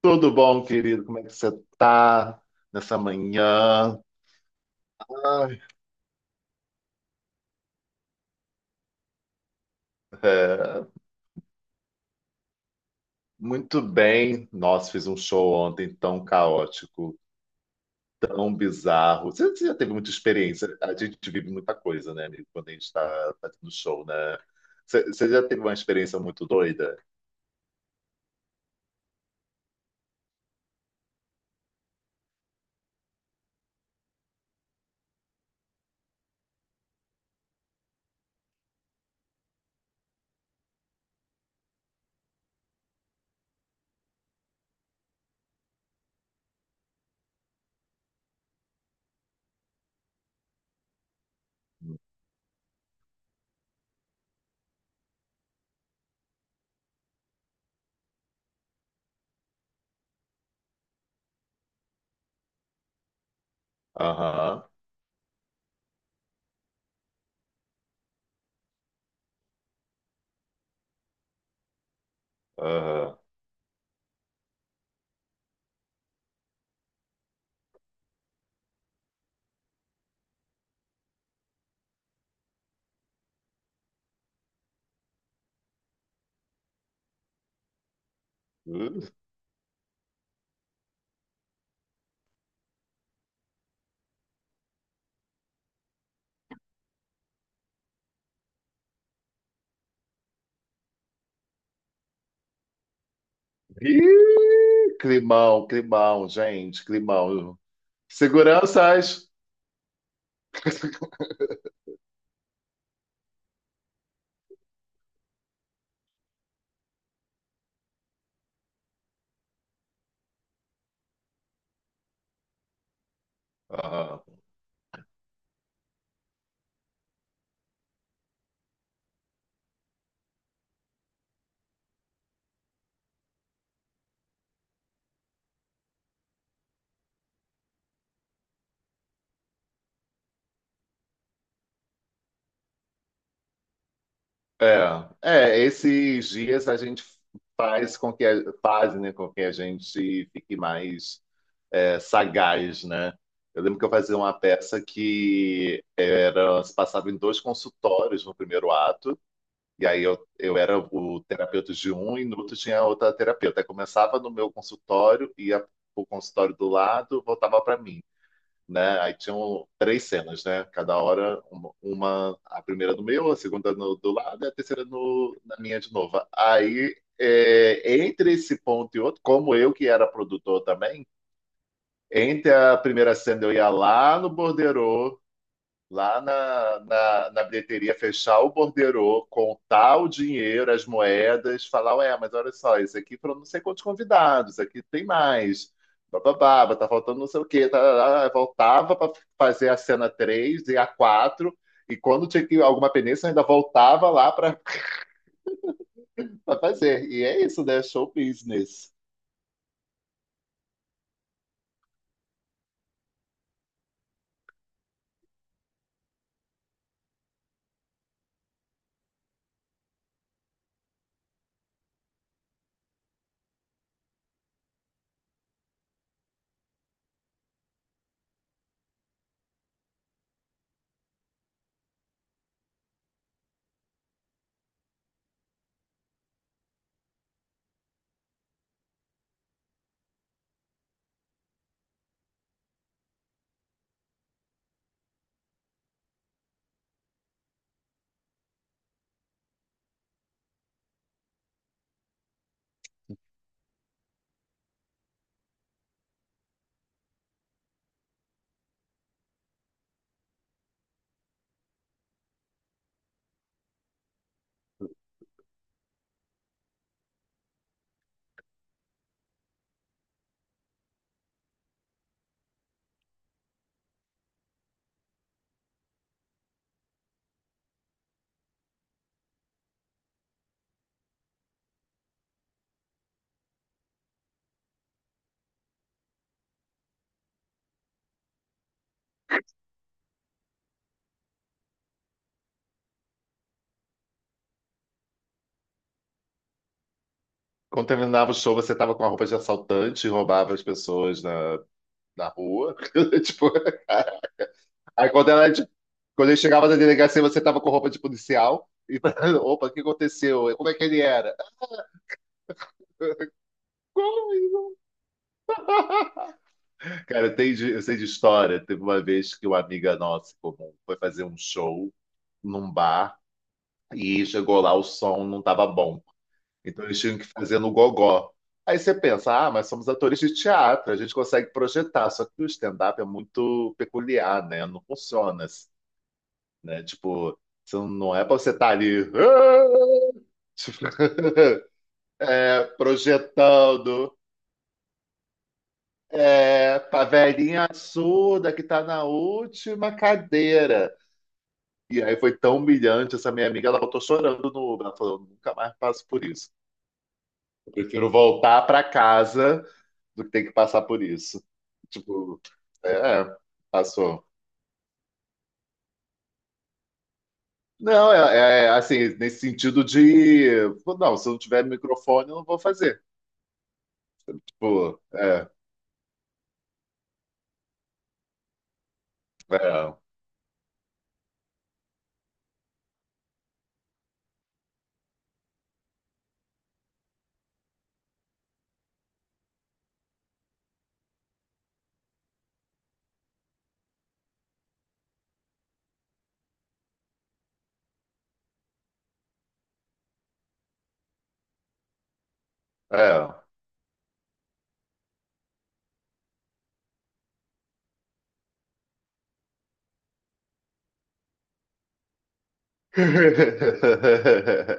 Tudo bom, querido? Como é que você tá nessa manhã? Ai, é, muito bem. Nossa, fiz um show ontem tão caótico, tão bizarro. Você já teve muita experiência. A gente vive muita coisa, né, amigo, quando a gente está fazendo show, né? Você já teve uma experiência muito doida? Aham, aham. Ih, climão, climão, gente, climão. Seguranças! Aham. É, é, esses dias a gente faz com que faz, né, com que a gente fique mais sagaz, né? Eu lembro que eu fazia uma peça que era, se passava em dois consultórios no primeiro ato, e aí eu era o terapeuta de um e no outro tinha outra terapeuta. Aí começava no meu consultório, ia para o consultório do lado, voltava para mim, né? Aí tinham três cenas, né? Cada hora, a primeira do meu, a segunda do lado e a terceira no, na minha de novo. Aí, entre esse ponto e outro, como eu que era produtor também, entre a primeira cena eu ia lá no borderô lá na bilheteria fechar o borderô, contar o dinheiro, as moedas, falar, ué, mas olha só, isso aqui foram não sei quantos convidados, isso aqui tem mais, bababá, tá faltando não sei o quê, tá, tá, tá. Voltava para fazer a cena 3 e a quatro, e quando tinha que alguma penência, eu ainda voltava lá para fazer. E é isso, né? Show business. Quando terminava o show, você tava com a roupa de assaltante e roubava as pessoas na rua. Tipo, aí quando ele chegava na delegacia, você tava com roupa de policial. E, opa, o que aconteceu? Como é que ele era? Cara, eu sei de história. Teve uma vez que uma amiga nossa em comum foi fazer um show num bar, e chegou lá, o som não estava bom. Então eles tinham que fazer no gogó. Aí você pensa, ah, mas somos atores de teatro, a gente consegue projetar. Só que o stand-up é muito peculiar, né? Não funciona, né? Tipo, você não é pra você estar ali. "Ah!" projetando. É, a velhinha surda que tá na última cadeira. E aí foi tão humilhante essa minha amiga, ela voltou chorando no Uber. Ela falou: eu nunca mais passo por isso. Eu prefiro voltar pra casa do que ter que passar por isso. Tipo, é, é, passou. Não, assim, nesse sentido de. Não, se eu não tiver microfone, eu não vou fazer. Tipo, é, é, é.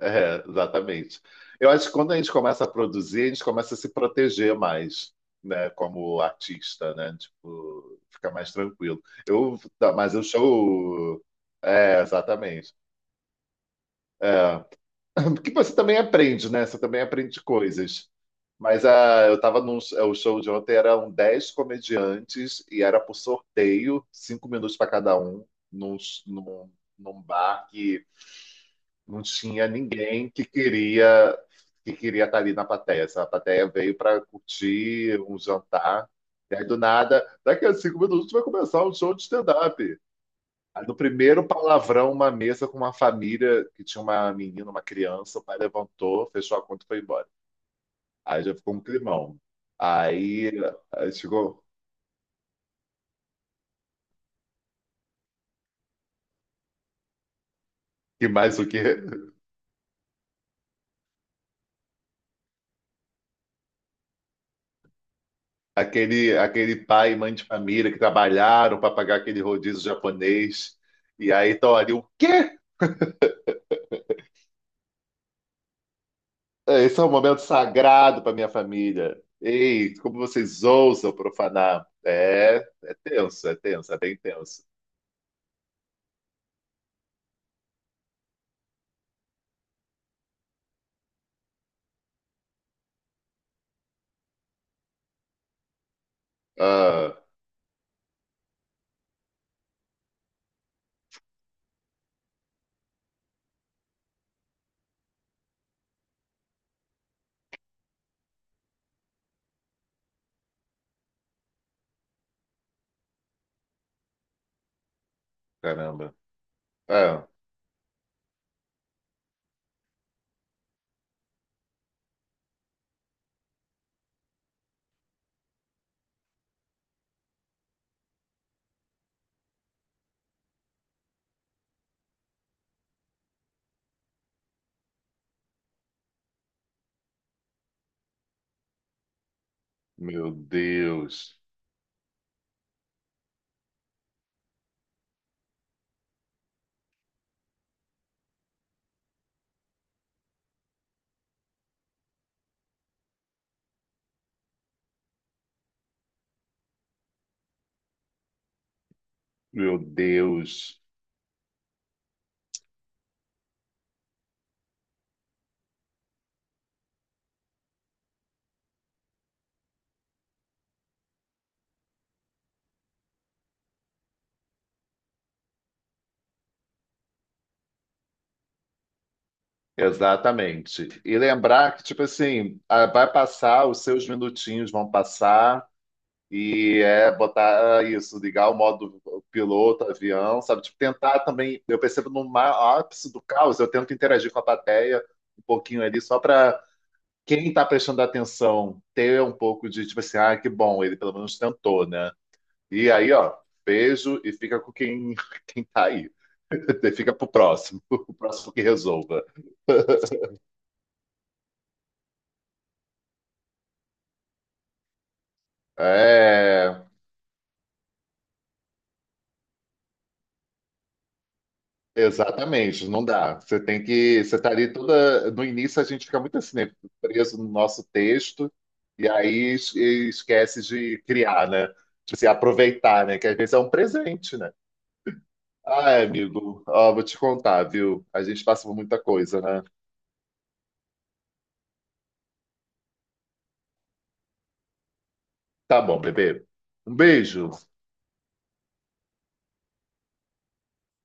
É, exatamente. Eu acho que quando a gente começa a produzir, a gente começa a se proteger mais, né, como artista, né? Tipo, fica mais tranquilo. Eu, tá, mas eu show, exatamente. É. Porque você também aprende, né? Você também aprende coisas. Mas eu tava num o show de ontem, eram 10 comediantes e era por sorteio, 5 minutos para cada um, num, num, num bar que não tinha ninguém que queria estar ali na plateia. Sabe? A plateia veio para curtir um jantar. E aí, do nada, daqui a 5 minutos vai começar um show de stand-up. Aí, no primeiro palavrão, uma mesa com uma família que tinha uma menina, uma criança, o pai levantou, fechou a conta e foi embora. Aí já ficou um climão. Aí, aí chegou. E mais o que? Aquele pai e mãe de família que trabalharam para pagar aquele rodízio japonês. E aí estão ali, o quê? É, esse é um momento sagrado para minha família. Ei, como vocês ousam profanar? É, é tenso, é tenso, é bem tenso. Ah, caramba. Ah, meu Deus, meu Deus. Exatamente. E lembrar que, tipo assim, ah, vai passar, os seus minutinhos vão passar. E é botar ah, isso, ligar o modo piloto, avião, sabe? Tipo, tentar também. Eu percebo no ápice do caos, eu tento interagir com a plateia um pouquinho ali, só para quem está prestando atenção ter um pouco de, tipo assim, ah, que bom, ele pelo menos tentou, né? E aí, ó, beijo e fica com quem, quem tá aí. Fica pro próximo, o próximo que resolva. É. Exatamente, não dá. Você tem que. Você tá ali toda. No início a gente fica muito assim, né? Preso no nosso texto, e aí esquece de criar, né? Tipo assim, aproveitar, né? Que às vezes é um presente, né? Ah, amigo, ó, vou te contar, viu? A gente passa por muita coisa, né? Tá bom, bebê. Um beijo.